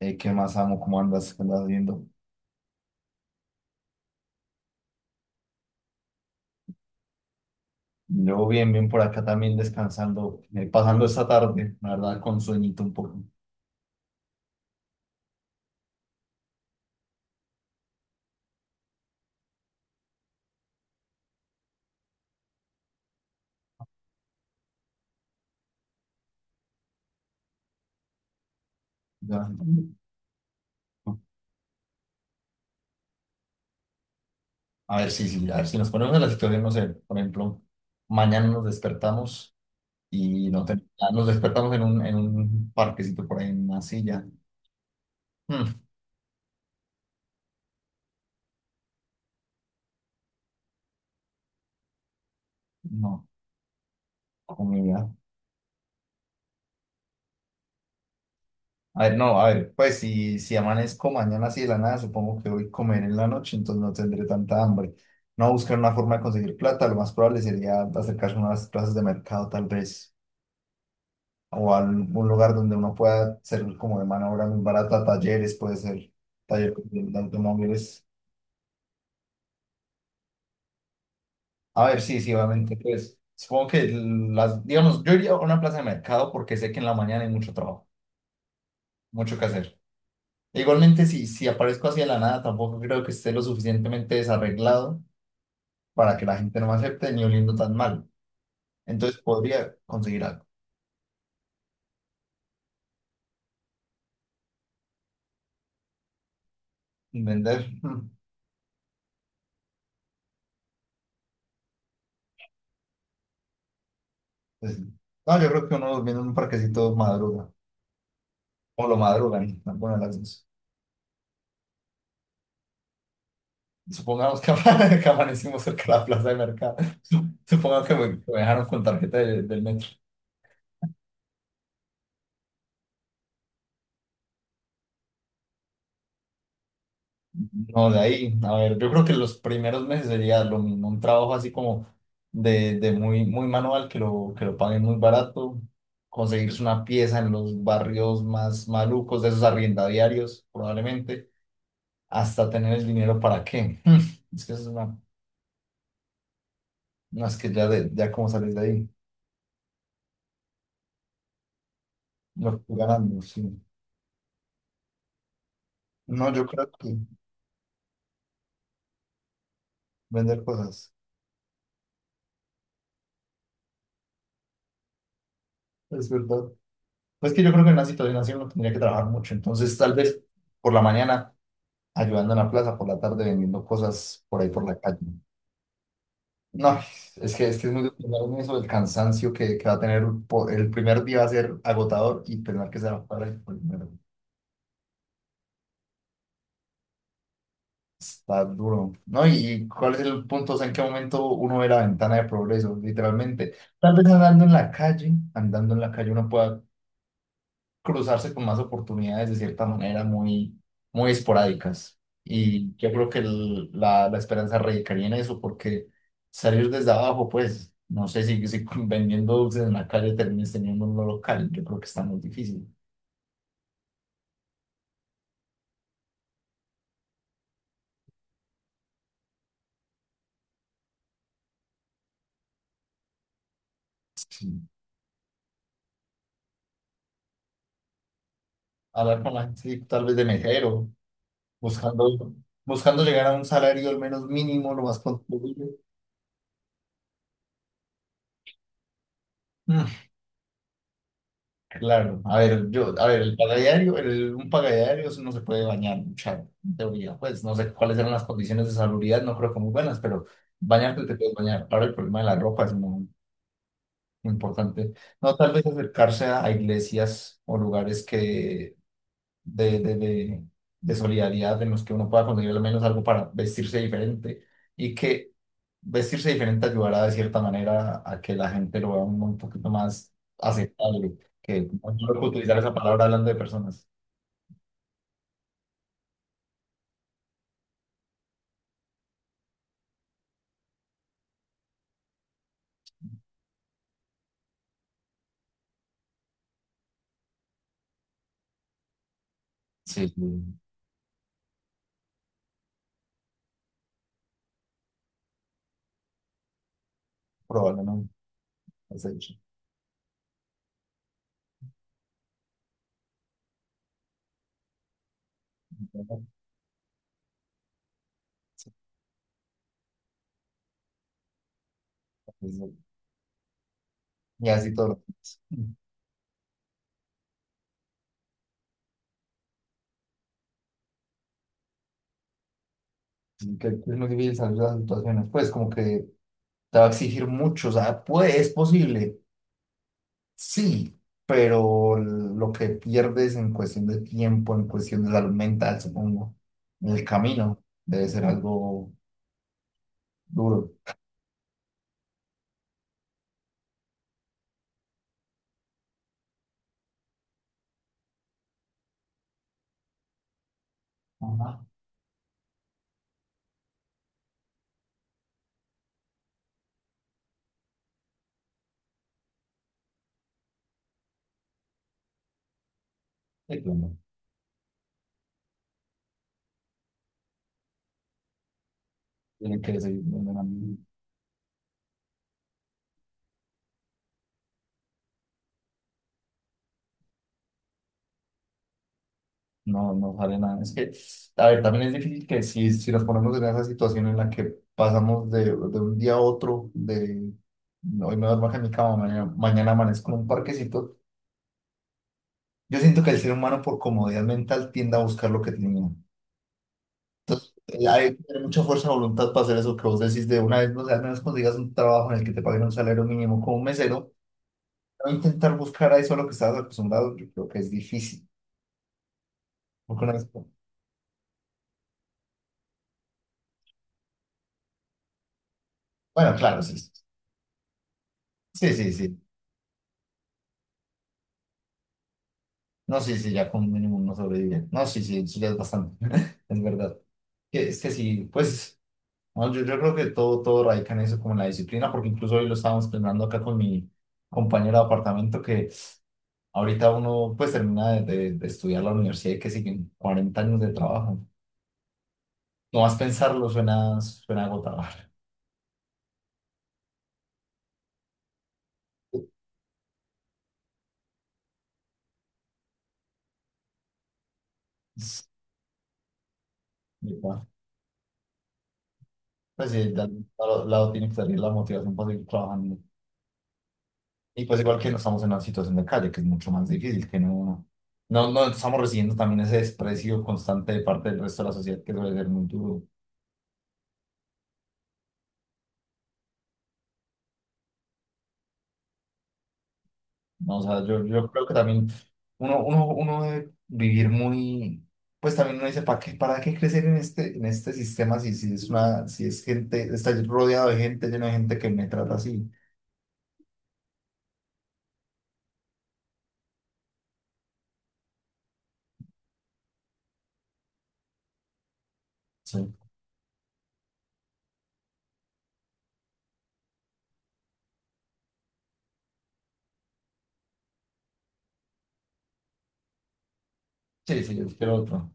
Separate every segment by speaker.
Speaker 1: ¿Qué más amo? ¿Cómo andas? ¿Qué andas viendo? Yo bien, bien por acá también descansando, pasando esta tarde, la verdad, con sueñito un poco. Ya. A ver, sí, sí, a ver si nos ponemos en la situación, no sé, por ejemplo, mañana nos despertamos y no ten- ah, nos despertamos en un parquecito por ahí, en una silla. Mm, no, comida. A ver, no, a ver, pues si, si amanezco mañana así de la nada, supongo que voy a comer en la noche, entonces no tendré tanta hambre. No, buscar una forma de conseguir plata, lo más probable sería acercarse a unas plazas de mercado tal vez, o a un lugar donde uno pueda servir como de mano de obra muy barata, talleres, puede ser taller de automóviles. A ver, sí, sí, obviamente, pues supongo que las, digamos, yo iría a una plaza de mercado porque sé que en la mañana hay mucho trabajo, mucho que hacer. E igualmente, si, si aparezco así de la nada, tampoco creo que esté lo suficientemente desarreglado para que la gente no me acepte ni oliendo tan mal. Entonces podría conseguir algo. Y vender, mm, pues, no, yo creo que uno durmiendo en un parquecito madruga, o lo madrugan, bueno, las dos. Supongamos que, que amanecimos cerca de la plaza de mercado. Supongamos que que me dejaron con tarjeta del metro. No, de ahí, a ver, yo creo que los primeros meses sería lo mismo, un trabajo así como de muy, muy manual, que lo paguen muy barato, conseguirse una pieza en los barrios más malucos de esos arriendadiarios, probablemente, hasta tener el dinero para qué. Mm, es que eso es una, no, es que ya, de, ya como sales de ahí, lo que tú ganando, sí. No, yo creo que vender cosas, es verdad. Pues que yo creo que en una situación así uno tendría que trabajar mucho, entonces tal vez por la mañana ayudando en la plaza, por la tarde vendiendo cosas por ahí por la calle. No, es que es, que es muy duro eso, el cansancio que va a tener el primer día va a ser agotador y pensar que se va a parar el primero. Está duro, ¿no? Y cuál es el punto? O sea, ¿en qué momento uno ve la ventana de progreso? Literalmente, tal vez andando en la calle, andando en la calle uno pueda cruzarse con más oportunidades de cierta manera muy, muy esporádicas. Y yo creo que la, la esperanza radicaría en eso, porque salir desde abajo, pues, no sé si, si vendiendo dulces en la calle termines teniendo un local, yo creo que está muy difícil. Sí. Hablar con la gente, sí, tal vez de mesero, buscando, buscando llegar a un salario al menos mínimo, lo más pronto posible. Mm, claro, a ver, yo, a ver, el pagadiario, el, un pagadiario no se puede bañar, mucha teoría, pues no sé cuáles eran las condiciones de salubridad, no creo que muy buenas, pero bañarte te puedes bañar. Ahora el problema de la ropa es muy, muy importante. No, tal vez acercarse a iglesias o lugares que de, de solidaridad en los que uno pueda conseguir al menos algo para vestirse diferente y que vestirse diferente ayudará de cierta manera a que la gente lo vea un poquito más aceptable, que no tengo utilizar esa palabra hablando de personas. Sí, sí, probablemente lo has hecho. Y así todo lo así que es muy difícil salir de las situaciones, pues como que te va a exigir mucho, o sea, puede, es posible. Sí, pero lo que pierdes en cuestión de tiempo, en cuestión de salud mental, supongo, en el camino, debe ser algo duro. Ajá, sí, claro. Tiene que seguir, viendo a mí. No, no sale nada. Es que, a ver, también es difícil que si, si nos ponemos en esa situación en la que pasamos de un día a otro, de hoy me duermo acá en mi cama, mañana, mañana amanezco en un parquecito, yo siento que el ser humano por comodidad mental tiende a buscar lo que tiene. Entonces, hay que tener mucha fuerza de voluntad para hacer eso que vos decís de una vez, no sé, al menos consigas un trabajo en el que te paguen un salario mínimo como un mesero, no intentar buscar ahí solo que estás acostumbrado, yo creo que es difícil. Porque una vez, bueno, claro, sí, sí, sí, sí, sí. No, sí, sí, ya con un mínimo no sobrevive. No, sí, sí, eso ya es bastante, es verdad. Que- Es que sí, pues, no, yo creo que todo, todo radica en eso, como en la disciplina, porque incluso hoy lo estábamos planeando acá con mi compañero de apartamento que ahorita uno pues termina de, de estudiar la universidad y que siguen 40 años de trabajo. No más pensarlo suena, suena agotador. Es- y, bueno, pues sí, de algún lado lado tiene que salir la motivación para seguir trabajando. Y pues igual que no estamos en una situación de calle, que es mucho más difícil, que no, no, no estamos recibiendo también ese desprecio constante de parte del resto de la sociedad, que debe ser muy duro. No, o sea, yo creo que también uno, uno, uno debe vivir muy, pues también uno dice, para qué crecer en este sistema si, si es una, si es gente, está rodeado de gente, lleno de gente que me trata así? Sí, sí, sí, yo quiero otro.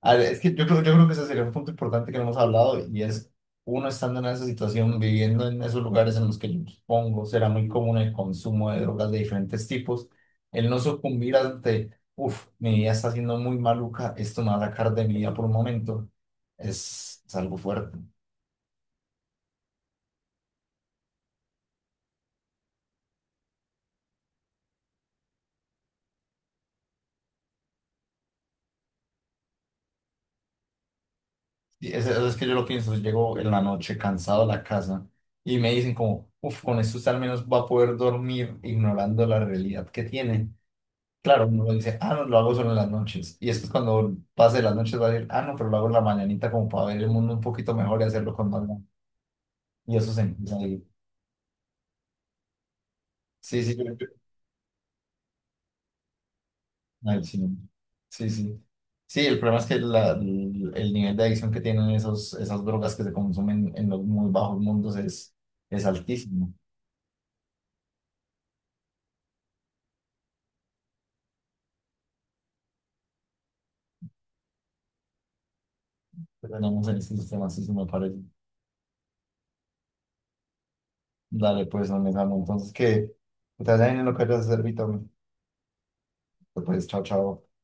Speaker 1: A ver, es que yo creo que ese sería un punto importante que no hemos hablado y es uno estando en esa situación, viviendo en esos lugares en los que yo supongo será muy común el consumo de drogas de diferentes tipos, el no sucumbir ante, uff, mi vida está siendo muy maluca, esto me va a sacar de mi vida por un momento, es algo fuerte. Y es que yo lo pienso, llego en la noche cansado a la casa y me dicen como, uff, con esto usted al menos va a poder dormir ignorando la realidad que tiene. Claro, uno dice, ah, no, lo hago solo en las noches. Y es que cuando pase las noches va a decir, ah, no, pero lo hago en la mañanita como para ver el mundo un poquito mejor y hacerlo con más ganas". Y eso se empieza ahí. Sí, sí, yo creo que- ay, sí, sí, sí. Sí, el problema es que el nivel de adicción que tienen esos, esas drogas que se consumen en los muy bajos mundos es altísimo. Pero tenemos en este sistema, así se me parece. Dale, pues, no me entonces, que te vaya bien en lo que hayas de servir, Tommy. Pues, chao, chao.